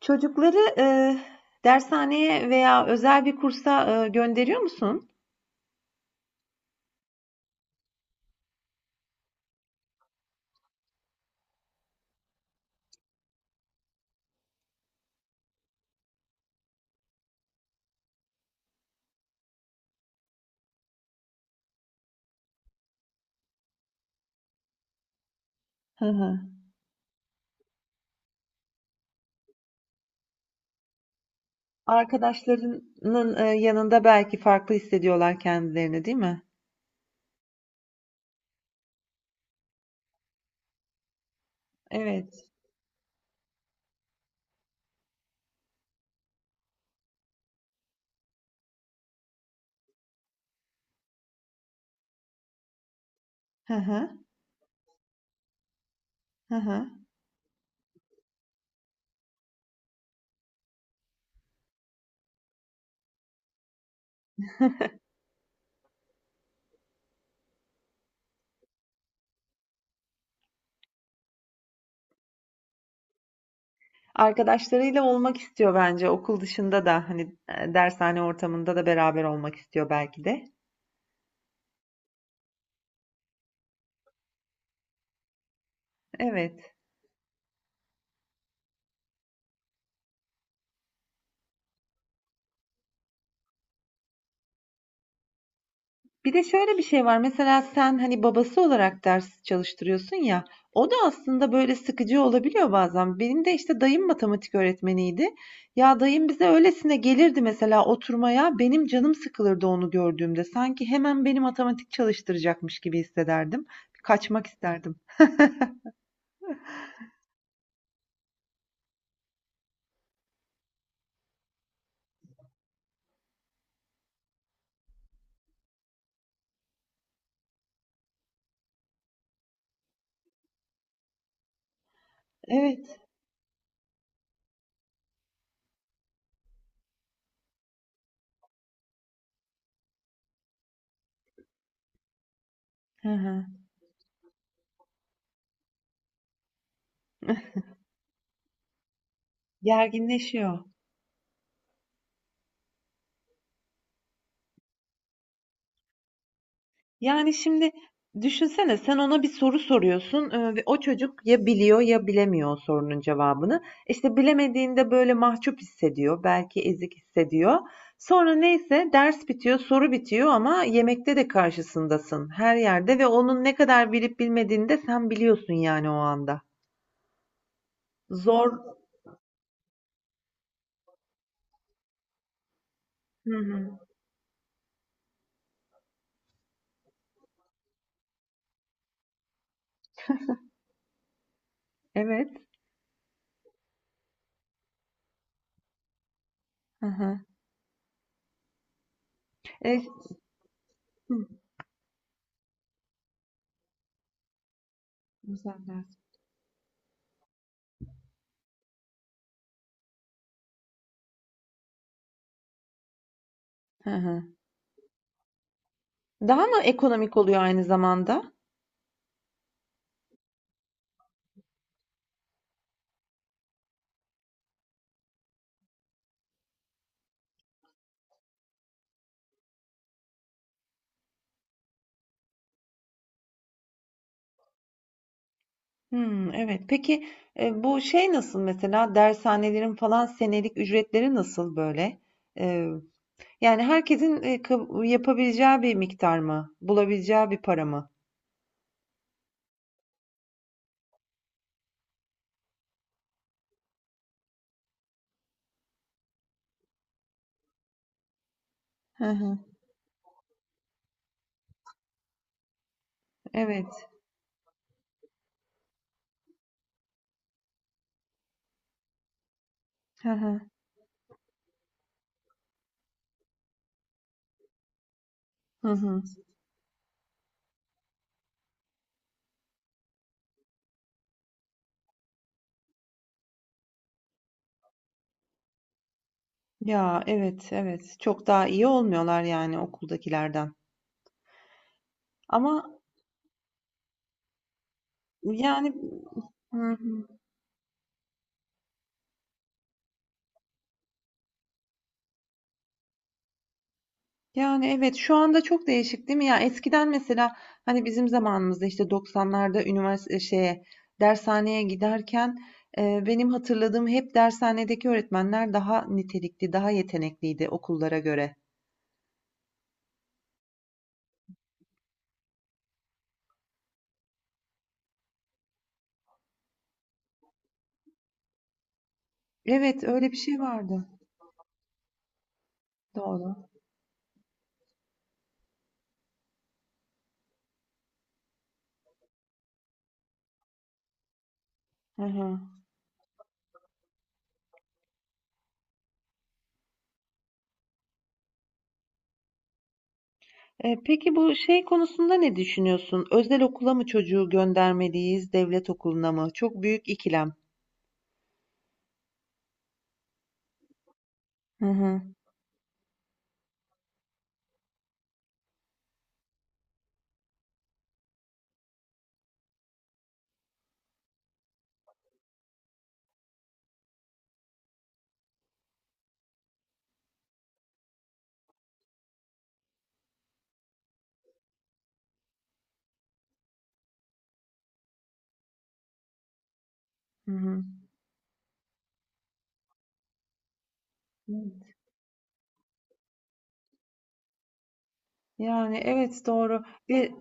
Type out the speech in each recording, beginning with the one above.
Çocukları, dershaneye veya özel bir kursa, gönderiyor musun? Hı hı. Arkadaşlarının, yanında belki farklı hissediyorlar kendilerini, değil mi? Evet. Hı hı. Hı hı. Arkadaşlarıyla olmak istiyor bence okul dışında da hani dershane ortamında da beraber olmak istiyor belki de. Evet. Bir de şöyle bir şey var. Mesela sen hani babası olarak ders çalıştırıyorsun ya. O da aslında böyle sıkıcı olabiliyor bazen. Benim de işte dayım matematik öğretmeniydi. Ya dayım bize öylesine gelirdi mesela oturmaya. Benim canım sıkılırdı onu gördüğümde. Sanki hemen beni matematik çalıştıracakmış gibi hissederdim. Kaçmak isterdim. Evet. Hı hı. Gerginleşiyor. Yani şimdi düşünsene sen ona bir soru soruyorsun ve o çocuk ya biliyor ya bilemiyor o sorunun cevabını. İşte bilemediğinde böyle mahcup hissediyor, belki ezik hissediyor. Sonra neyse ders bitiyor, soru bitiyor ama yemekte de karşısındasın her yerde ve onun ne kadar bilip bilmediğini de sen biliyorsun yani o anda. Zor. Hı hı. Evet. Hı hı. E, hı. Güzel ders. Hı hı. Daha mı ekonomik oluyor aynı zamanda? Hmm, evet. Peki, bu şey nasıl mesela, dershanelerin falan senelik ücretleri nasıl böyle? Eee, yani herkesin, kab yapabileceği bir miktar mı? Bulabileceği bir para mı? Hı hı. Evet. Hı hı. Hı hı. Ya, evet, evet. Çok daha iyi olmuyorlar yani okuldakilerden. Ama yani. Hı hı. Yani, evet, şu anda çok değişik değil mi? Ya, eskiden mesela, hani, bizim zamanımızda, işte, 90'larda üniversite şeye, dershaneye giderken, benim hatırladığım hep dershanedeki öğretmenler daha nitelikli, daha yetenekliydi okullara göre. Evet, öyle bir şey vardı. Doğru. Hı hı. Peki bu şey konusunda ne düşünüyorsun? Özel okula mı çocuğu göndermeliyiz, devlet okuluna mı? Çok büyük ikilem. Hı hı. Hı hı. Evet. Yani, evet, doğru. Bir.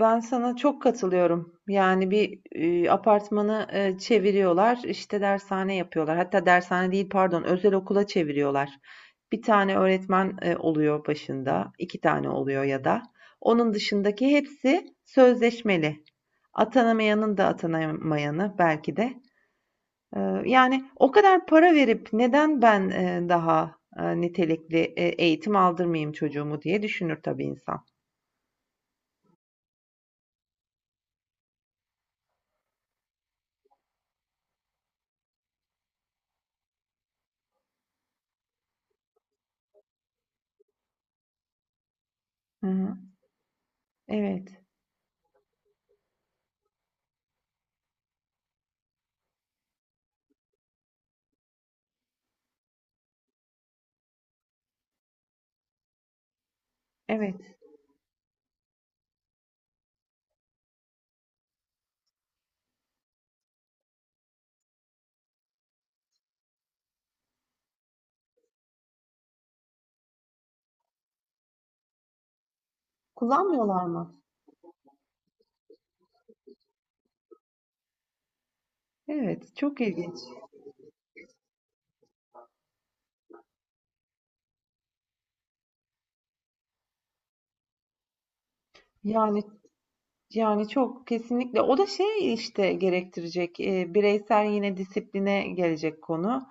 Ben sana çok katılıyorum. Yani bir apartmanı çeviriyorlar, işte dershane yapıyorlar. Hatta dershane değil, pardon, özel okula çeviriyorlar. Bir tane öğretmen oluyor başında, iki tane oluyor ya da. Onun dışındaki hepsi sözleşmeli. Atanamayanın da atanamayanı belki de yani o kadar para verip neden ben, daha, nitelikli, eğitim aldırmayayım çocuğumu diye düşünür tabii insan. Hı hı. Evet, evet. Kullanmıyorlar mı? Evet, çok ilginç. Yani. Yani çok kesinlikle. O da şey işte gerektirecek, bireysel yine disipline gelecek konu.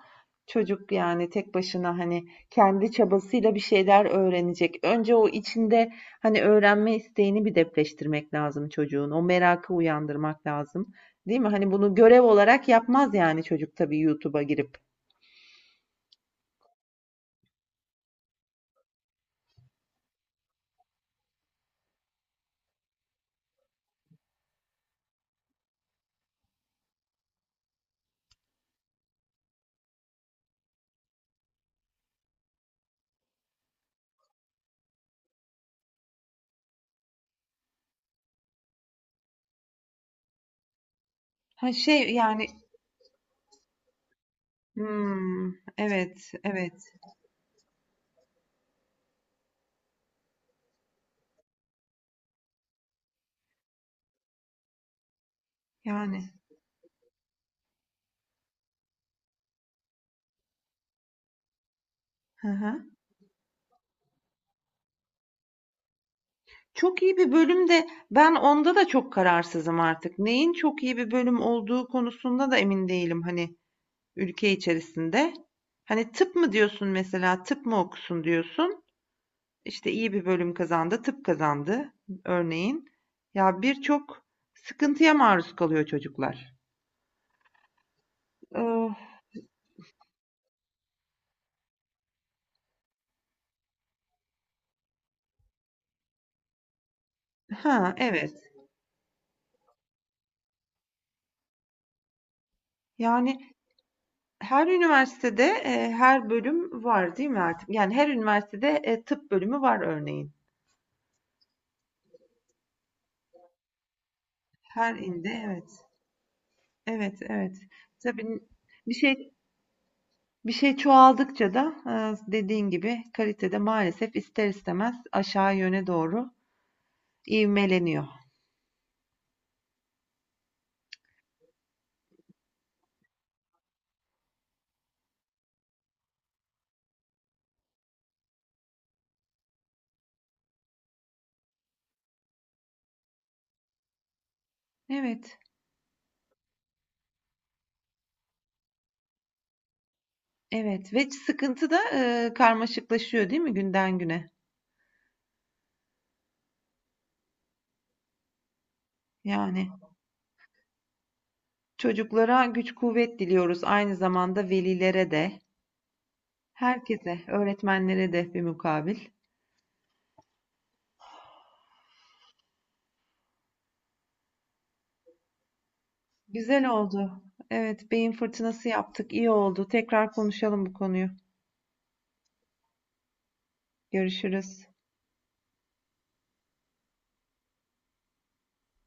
Çocuk yani tek başına hani kendi çabasıyla bir şeyler öğrenecek. Önce o içinde hani öğrenme isteğini bir depreştirmek lazım çocuğun. O merakı uyandırmak lazım. Değil mi? Hani bunu görev olarak yapmaz yani çocuk tabii YouTube'a girip. Ha şey yani hmm, evet, evet yani. Hı hı. Çok iyi bir bölüm de ben onda da çok kararsızım artık. Neyin çok iyi bir bölüm olduğu konusunda da emin değilim hani ülke içerisinde. Hani tıp mı diyorsun mesela, tıp mı okusun diyorsun. İşte iyi bir bölüm kazandı, tıp kazandı örneğin. Ya birçok sıkıntıya maruz kalıyor çocuklar. Ee, ha evet. Yani her üniversitede her bölüm var değil mi artık? Yani her üniversitede tıp bölümü var örneğin. Her ilde evet. Evet, evet. Tabii bir şey bir şey çoğaldıkça da dediğin gibi kalitede maalesef ister istemez aşağı yöne doğru ivmeleniyor. Evet, evet ve sıkıntı da karmaşıklaşıyor değil mi günden güne? Yani çocuklara güç kuvvet diliyoruz aynı zamanda velilere de, herkese, öğretmenlere de bir mukabil. Güzel oldu. Evet, beyin fırtınası yaptık. İyi oldu. Tekrar konuşalım bu konuyu. Görüşürüz.